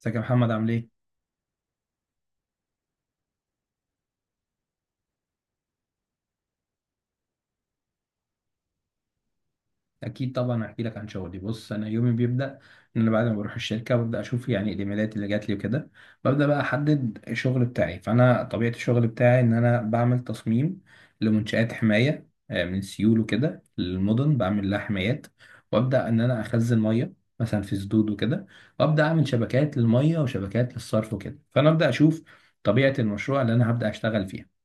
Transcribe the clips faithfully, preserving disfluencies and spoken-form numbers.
ازيك يا محمد عامل ايه؟ اكيد طبعا هحكي لك عن شغلي. بص، انا يومي بيبدا ان انا بعد ما بروح الشركه ببدا اشوف يعني الايميلات اللي جات لي وكده. ببدا بقى احدد الشغل بتاعي. فانا طبيعه الشغل بتاعي ان انا بعمل تصميم لمنشات حمايه آه، من سيول وكده للمدن، بعمل لها حمايات، وابدا ان انا اخزن ميه مثلا في سدود وكده، وابدا اعمل شبكات للميه وشبكات للصرف وكده. فانا ابدا اشوف طبيعه المشروع اللي انا هبدا اشتغل فيها.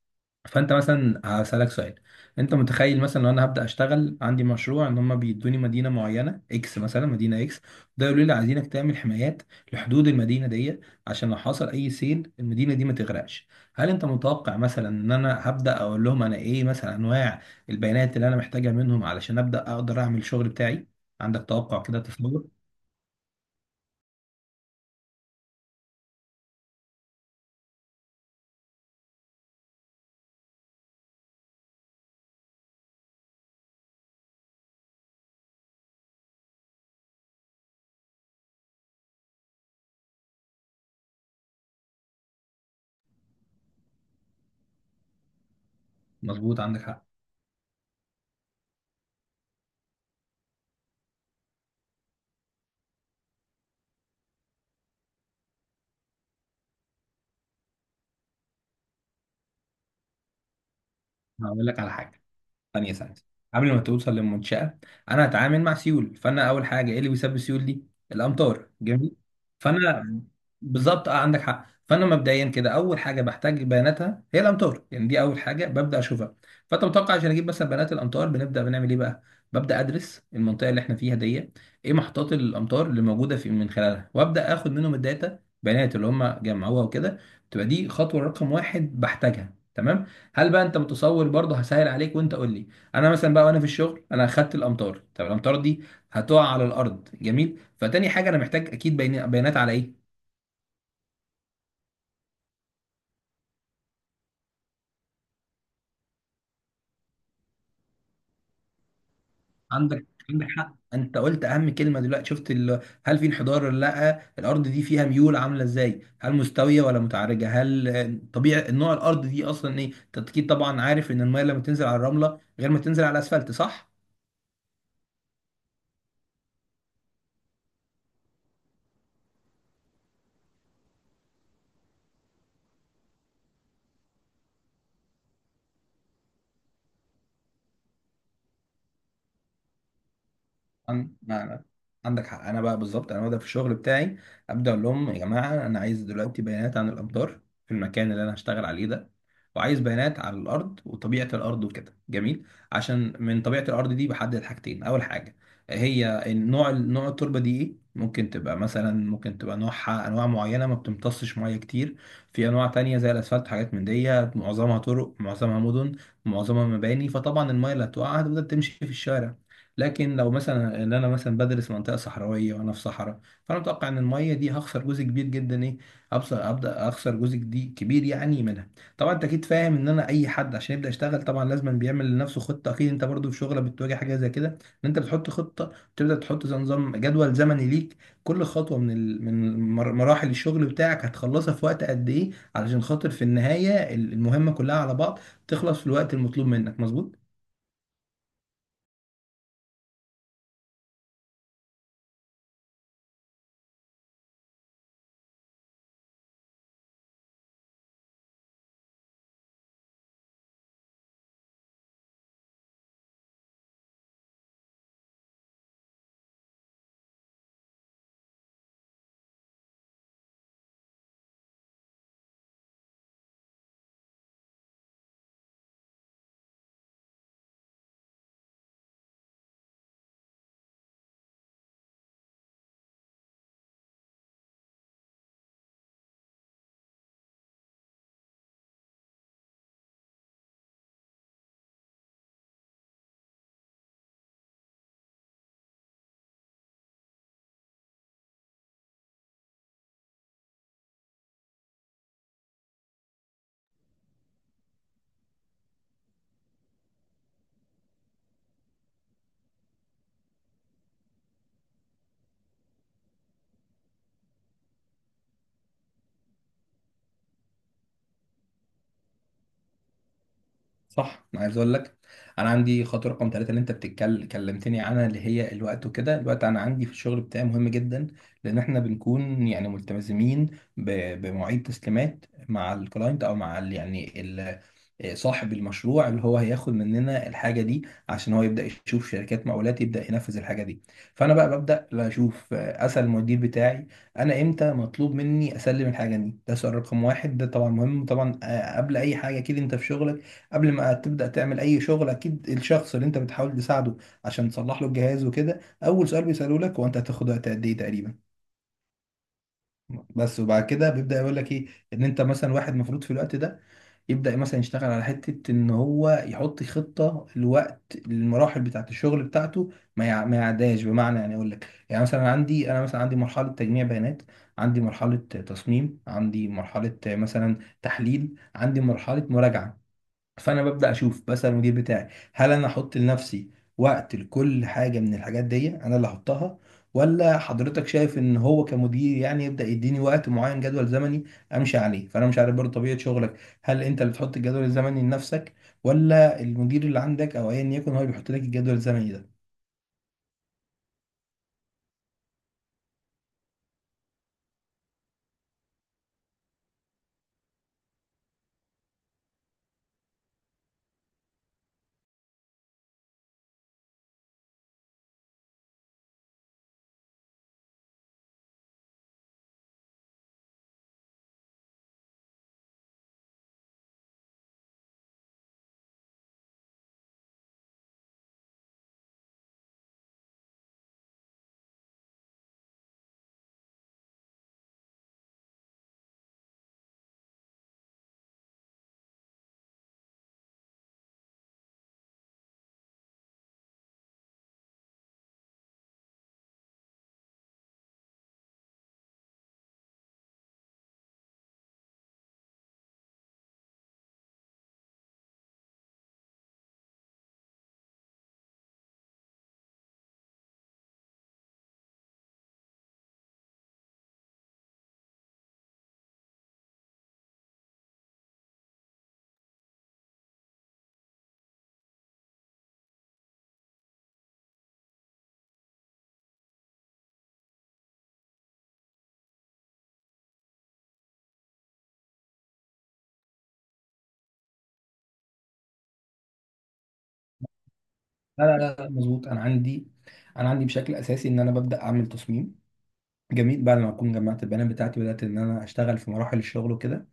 فانت مثلا هسألك سؤال: انت متخيل مثلا لو انا هبدأ اشتغل عندي مشروع ان هم بيدوني مدينة معينة اكس، مثلا مدينة اكس، ده يقولوا لي عايزينك تعمل حمايات لحدود المدينة دي عشان لو حصل اي سيل المدينة دي ما تغرقش، هل انت متوقع مثلا ان انا هبدأ اقول لهم انا ايه مثلا انواع البيانات اللي انا محتاجها منهم علشان أبدأ اقدر اعمل الشغل بتاعي؟ عندك توقع كده، تصور؟ مظبوط، عندك حق. هقول لك على حاجة. ثانية ثانية، قبل ما توصل للمنشأة، أنا هتعامل مع سيول، فأنا أول حاجة إيه اللي بيسبب السيول دي؟ الأمطار، جميل. فأنا بالظبط، أه عندك حق. فأنا مبدئيا كده أول حاجة بحتاج بياناتها هي الأمطار، يعني دي أول حاجة ببدأ أشوفها. فأنت متوقع عشان أجيب مثلا بيانات الأمطار بنبدأ بنعمل إيه بقى؟ ببدأ أدرس المنطقة اللي إحنا فيها دي، إيه محطات الأمطار اللي موجودة في من خلالها، وأبدأ آخد منهم الداتا، بيانات اللي هم جمعوها وكده. تبقى دي خطوة رقم واحد بحتاجها، تمام؟ هل بقى أنت متصور برضه؟ هسهل عليك وأنت قول لي. انا مثلا بقى وانا في الشغل انا اخدت الامطار، طب الامطار دي هتقع على الارض، جميل. فتاني حاجه انا محتاج اكيد بينا- بيانات على ايه؟ عندك عندك حق، انت قلت اهم كلمه دلوقتي، شفت ال... هل في انحدار ولا لا، الارض دي فيها ميول عامله ازاي، هل مستويه ولا متعرجه، هل آه، طبيعي، نوع الارض دي اصلا ايه. انت اكيد طبعا عارف ان الميه لما تنزل على الرمله غير ما تنزل على الاسفلت، صح؟ عن- ما- أنا- عندك حق. انا بقى بالظبط انا ببدا في الشغل بتاعي، ابدا اقول لهم يا جماعه انا عايز دلوقتي بيانات عن الامطار في المكان اللي انا هشتغل عليه ده، وعايز بيانات عن الارض وطبيعه الارض وكده، جميل. عشان من طبيعه الارض دي بحدد حاجتين: اول حاجه هي النوع، نوع التربه دي ايه، ممكن تبقى مثلا ممكن تبقى نوعها انواع معينه ما بتمتصش ميه كتير. في انواع تانية زي الاسفلت وحاجات من دي، معظمها طرق، معظمها مدن، معظمها مباني. فطبعا الميه اللي هتقع هتبدا تمشي في الشارع. لكن لو مثلا ان انا مثلا بدرس منطقه صحراويه وانا في صحراء، فانا متوقع ان الميه دي هخسر جزء كبير جدا، ايه، ابصر ابدا اخسر جزء دي كبير يعني منها. طبعا انت اكيد فاهم ان انا اي حد عشان يبدا يشتغل طبعا لازم بيعمل لنفسه خطه. اكيد انت برضو في شغلك بتواجه حاجه زي كده، ان انت بتحط خطه، تبدا تحط زي نظام جدول زمني ليك، كل خطوه من ال... من مر- مراحل الشغل بتاعك هتخلصها في وقت قد ايه، علشان خاطر في النهايه المهمه كلها على بعض تخلص في الوقت المطلوب منك، مظبوط؟ صح. انا عايز اقول لك انا عندي خطوه رقم ثلاثة اللي انت بتتكلم كلمتني عنها، اللي هي الوقت وكده. الوقت انا عندي في الشغل بتاعي مهم جدا، لان احنا بنكون يعني ملتزمين ب- بمواعيد تسليمات مع الكلاينت او مع ال يعني ال صاحب المشروع اللي هو هياخد مننا الحاجه دي عشان هو يبدا يشوف شركات مقاولات يبدا ينفذ الحاجه دي. فانا بقى ببدا لا اشوف، اسال المدير بتاعي انا امتى مطلوب مني اسلم الحاجه دي، ده سؤال رقم واحد، ده طبعا مهم طبعا. آه، قبل اي حاجه كده، انت في شغلك قبل ما تبدأ تعمل أي شغل، أكيد الشخص اللي أنت بتحاول تساعده عشان تصلح له الجهاز وكده، أول سؤال بيسأله لك هو أنت هتاخد وقت قد إيه تقريبا. بس وبعد كده بيبدأ يقول لك إيه، إن أنت مثلا واحد المفروض في الوقت ده يبدأ مثلا يشتغل على حتة إن هو يحط خطة لوقت المراحل بتاعة الشغل بتاعته ما يع- ما يعداش، بمعنى يعني أقول لك يعني مثلا عندي، أنا مثلا عندي مرحلة تجميع بيانات، عندي مرحلة تصميم، عندي مرحلة مثلا تحليل، عندي مرحلة مراجعة. فانا ببدا اشوف، بسال المدير بتاعي هل انا احط لنفسي وقت لكل حاجه من الحاجات دي، انا اللي احطها، ولا حضرتك شايف ان هو كمدير يعني يبدا يديني وقت معين جدول زمني امشي عليه. فانا مش عارف برضه طبيعه شغلك، هل انت اللي بتحط الجدول الزمني لنفسك، ولا المدير اللي عندك او ايا يكن هو اللي بيحط لك الجدول الزمني ده؟ لا لا لا، مظبوط. انا عندي انا عندي بشكل اساسي ان انا ببدا اعمل تصميم، جميل. بعد ما اكون جمعت البيانات بتاعتي بدات ان انا اشتغل في مراحل الشغل وكده،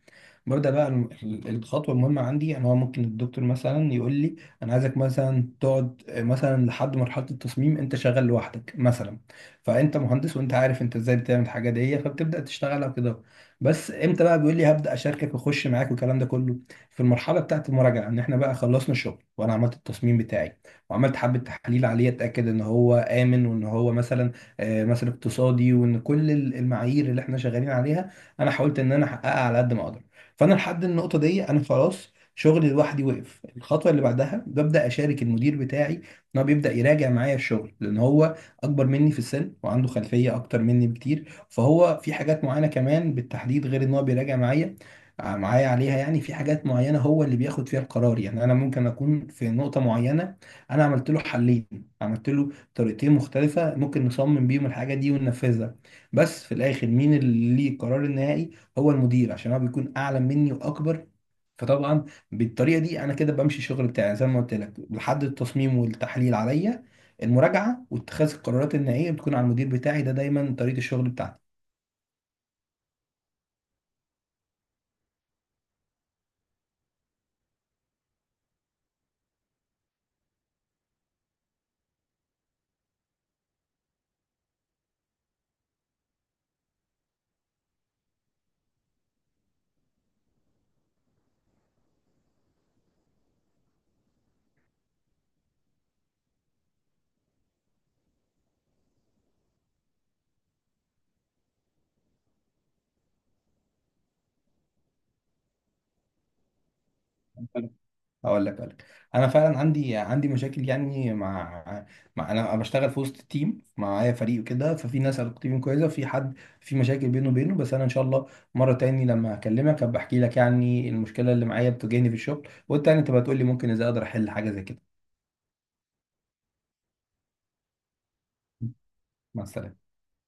ببدأ بقى الم- ال- الخطوة المهمة عندي أنا هو ممكن الدكتور مثلا يقول لي أنا عايزك مثلا تقعد مثلا لحد مرحلة التصميم أنت شغال لوحدك مثلا، فأنت مهندس وأنت عارف أنت إزاي بتعمل الحاجة دي، فبتبدأ تشتغل على كده. بس إمتى بقى بيقول لي هبدأ أشاركك وأخش معاك والكلام ده كله؟ في المرحلة بتاعة المراجعة، إن إحنا بقى خلصنا الشغل وأنا عملت التصميم بتاعي وعملت حبة تحاليل عليه، أتأكد إن هو آمن وإن هو مثلا آه، مثلا اقتصادي، وإن كل المعايير اللي إحنا شغالين عليها أنا حاولت إن أنا أحققها على قد ما أقدر. فانا لحد النقطه دي انا خلاص شغلي لوحدي وقف، الخطوه اللي بعدها ببدا اشارك المدير بتاعي، ان هو بيبدا يراجع معايا الشغل، لان هو اكبر مني في السن وعنده خلفيه اكتر مني بكتير، فهو في حاجات معينه كمان بالتحديد غير ان هو بيراجع معايا ع- معايا عليها، يعني في حاجات معينه هو اللي بياخد فيها القرار. يعني انا ممكن اكون في نقطه معينه انا عملت له حلين، عملت له طريقتين مختلفه ممكن نصمم بيهم الحاجه دي وننفذها، بس في الاخر مين اللي ليه القرار النهائي؟ هو المدير، عشان هو بيكون اعلى مني واكبر. فطبعا بالطريقه دي انا كده بمشي الشغل بتاعي زي ما قلت لك، لحد التصميم والتحليل عليا، المراجعه واتخاذ القرارات النهائيه بتكون على المدير بتاعي، ده دايما طريقه الشغل بتاعتي. اقول لك اقول لك انا فعلا عندي عندي مشاكل يعني مع مع انا بشتغل في وسط التيم، معايا فريق وكده، ففي ناس علاقتي بيهم كويسه وفي حد في مشاكل بينه وبينه، بس انا ان شاء الله مره تاني لما اكلمك هبقى احكي لك يعني المشكله اللي معايا بتواجهني في الشغل، وانت يعني تبقى تقول لي ممكن ازاي اقدر احل حاجه زي كده. مع السلامه.